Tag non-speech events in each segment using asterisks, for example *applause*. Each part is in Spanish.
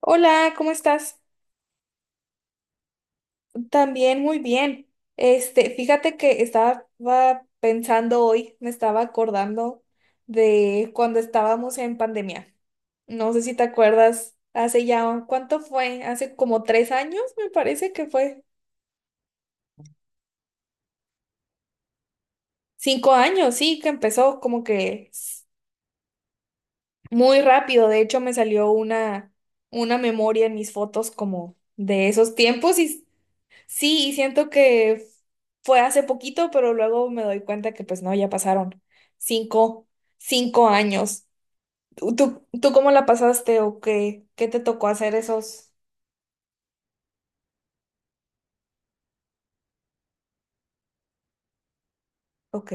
Hola, ¿cómo estás? También muy bien. Este, fíjate que estaba pensando hoy, me estaba acordando de cuando estábamos en pandemia. No sé si te acuerdas, hace ya, ¿cuánto fue? Hace como 3 años, me parece que fue. 5 años, sí, que empezó como que muy rápido. De hecho, me salió una memoria en mis fotos como de esos tiempos y, sí, y siento que fue hace poquito, pero luego me doy cuenta que pues no, ya pasaron 5, 5 años. ¿Tú, tú cómo la pasaste o qué te tocó hacer esos? Ok,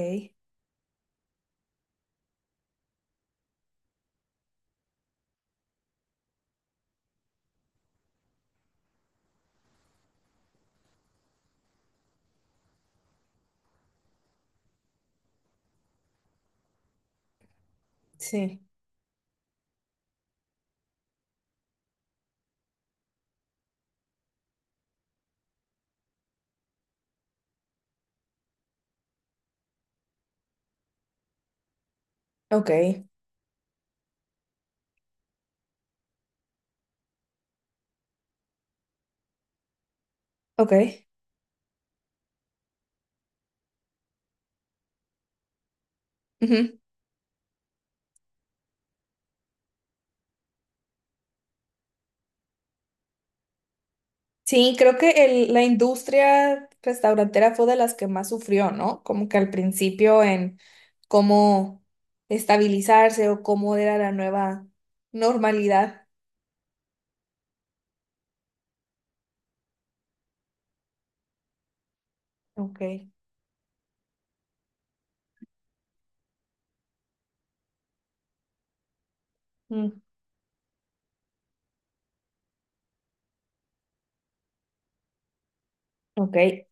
sí, ok, ok. Ujú. Sí, creo que la industria restaurantera fue de las que más sufrió, ¿no? Como que al principio en cómo estabilizarse o cómo era la nueva normalidad. Ok. Mm. Ok.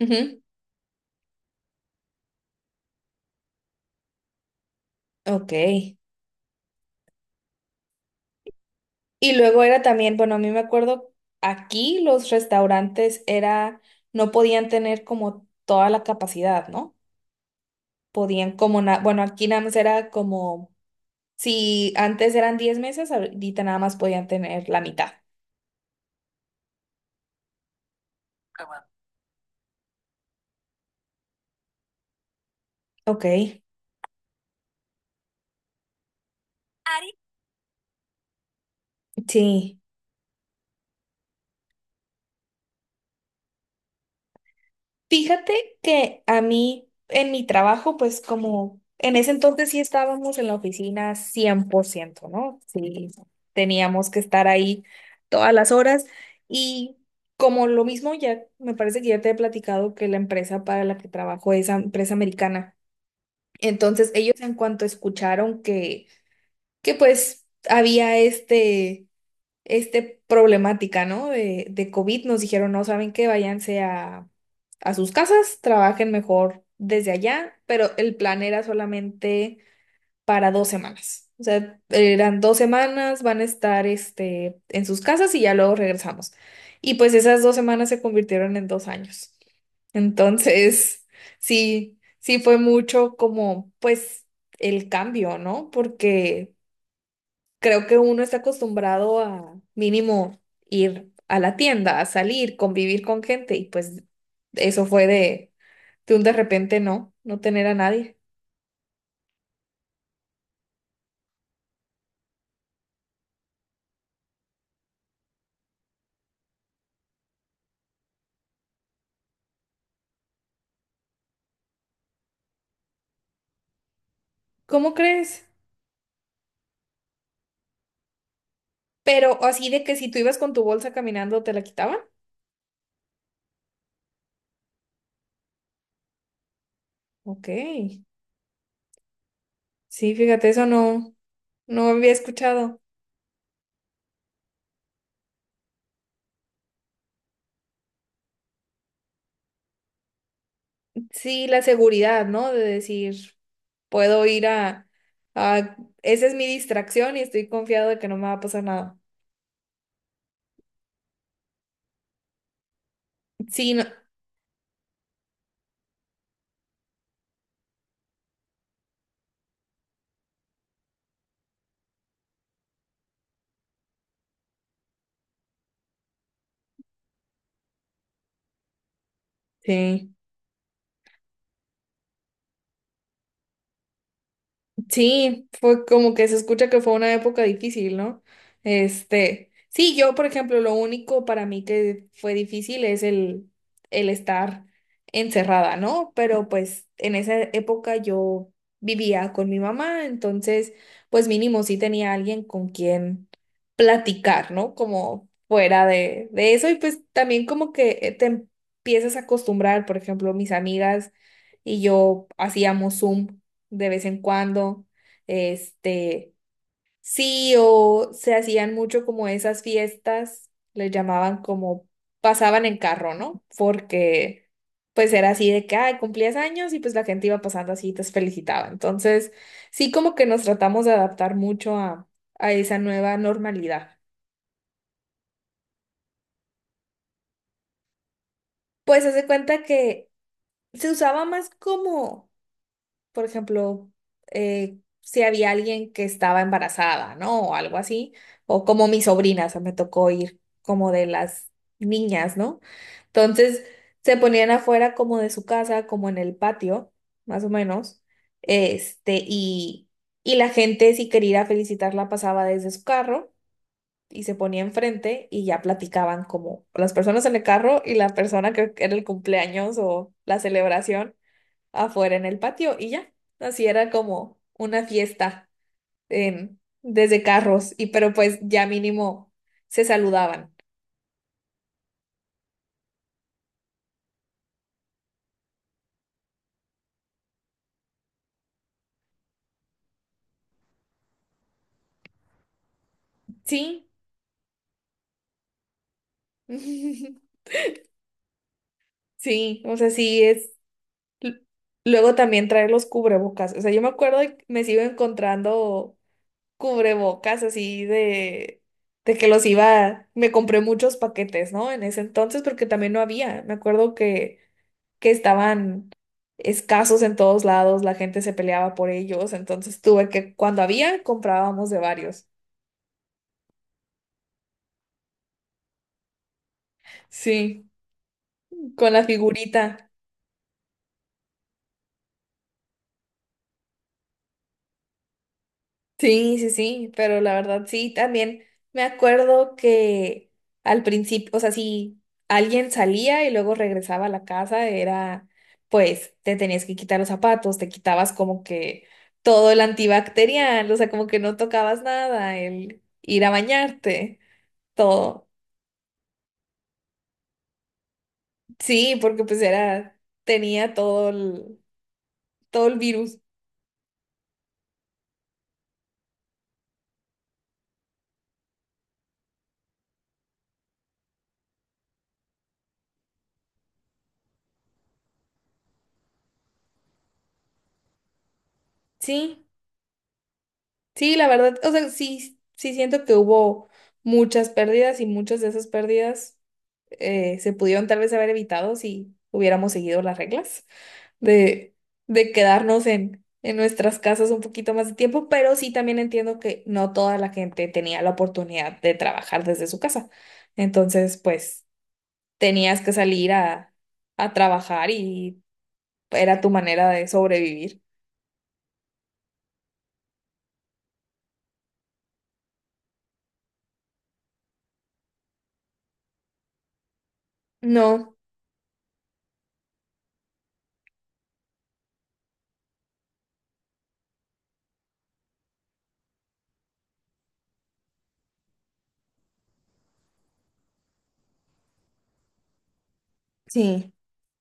Ujú. Ok. Y luego era también, bueno, a mí me acuerdo, aquí los restaurantes era, no podían tener como toda la capacidad, ¿no? Podían como, bueno, aquí nada más era como, si antes eran 10 mesas, ahorita nada más podían tener la mitad. Ah, bueno. Ok, sí. Fíjate que a mí, en mi trabajo, pues como en ese entonces sí estábamos en la oficina 100%, ¿no? Sí, teníamos que estar ahí todas las horas y como lo mismo ya, me parece que ya te he platicado que la empresa para la que trabajo es empresa americana. Entonces ellos en cuanto escucharon que pues había este problemática, ¿no? De COVID nos dijeron, no, ¿saben qué? Váyanse a sus casas, trabajen mejor desde allá, pero el plan era solamente para 2 semanas. O sea, eran 2 semanas, van a estar este, en sus casas y ya luego regresamos. Y pues esas 2 semanas se convirtieron en 2 años. Entonces, *laughs* sí, sí fue mucho como, pues, el cambio, ¿no? Porque creo que uno está acostumbrado a mínimo ir a la tienda, a salir, convivir con gente y pues eso fue de un de repente no tener a nadie. ¿Cómo crees? Pero así de que si tú ibas con tu bolsa caminando, ¿te la quitaban? Ok. Sí, fíjate, eso no había escuchado. Sí, la seguridad, ¿no? De decir, puedo ir a. Esa es mi distracción y estoy confiado de que no me va a pasar nada. Sí, no. Sí. Sí, fue como que se escucha que fue una época difícil, ¿no? Este, sí, yo, por ejemplo, lo único para mí que fue difícil es el estar encerrada, ¿no? Pero pues en esa época yo vivía con mi mamá, entonces, pues mínimo sí tenía alguien con quien platicar, ¿no? Como fuera de eso y pues también como que te empiezas a acostumbrar, por ejemplo, mis amigas y yo hacíamos Zoom de vez en cuando. Este, sí, o se hacían mucho como esas fiestas, les llamaban como pasaban en carro, ¿no? Porque pues era así de que, ay, cumplías años y pues la gente iba pasando así y te felicitaba. Entonces, sí, como que nos tratamos de adaptar mucho a esa nueva normalidad. Pues hace cuenta que se usaba más como por ejemplo, si había alguien que estaba embarazada, ¿no? O algo así, o como mi sobrina, o sea, me tocó ir como de las niñas, ¿no? Entonces, se ponían afuera como de su casa, como en el patio, más o menos, este, y, la gente, si quería ir a felicitarla, pasaba desde su carro. Y se ponía enfrente y ya platicaban como las personas en el carro y la persona que era el cumpleaños o la celebración afuera en el patio y ya. Así era como una fiesta desde carros y pero pues ya mínimo se saludaban. Sí, *laughs* sí, o sea, sí es. l- Luego también traer los cubrebocas. O sea, yo me acuerdo y me sigo encontrando cubrebocas así de que los iba, me compré muchos paquetes, ¿no? En ese entonces porque también no había. Me acuerdo que estaban escasos en todos lados, la gente se peleaba por ellos, entonces tuve que, cuando había, comprábamos de varios. Sí, con la figurita. Sí, sí, sí, pero la verdad sí, también me acuerdo que al principio, o sea, si alguien salía y luego regresaba a la casa, era, pues, te tenías que quitar los zapatos, te quitabas como que todo el antibacterial, o sea, como que no tocabas nada, el ir a bañarte, todo. Sí, porque pues era, tenía todo el virus. Sí, sí, la verdad, o sea, sí, sí siento que hubo muchas pérdidas y muchas de esas pérdidas se pudieron tal vez haber evitado si hubiéramos seguido las reglas de, de quedarnos en nuestras casas un poquito más de tiempo, pero sí también entiendo que no toda la gente tenía la oportunidad de trabajar desde su casa. Entonces, pues tenías que salir a trabajar y era tu manera de sobrevivir. No, sí.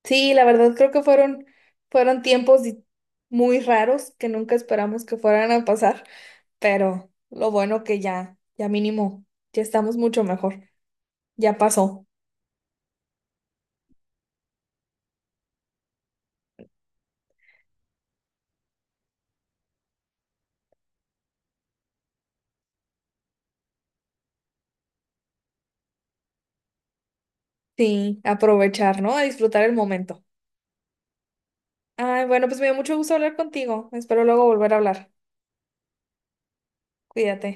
Sí, la verdad creo que fueron tiempos muy raros que nunca esperamos que fueran a pasar, pero lo bueno que ya mínimo, ya estamos mucho mejor, ya pasó. Sí, aprovechar, ¿no? A disfrutar el momento. Ay, bueno, pues me dio mucho gusto hablar contigo. Espero luego volver a hablar. Cuídate.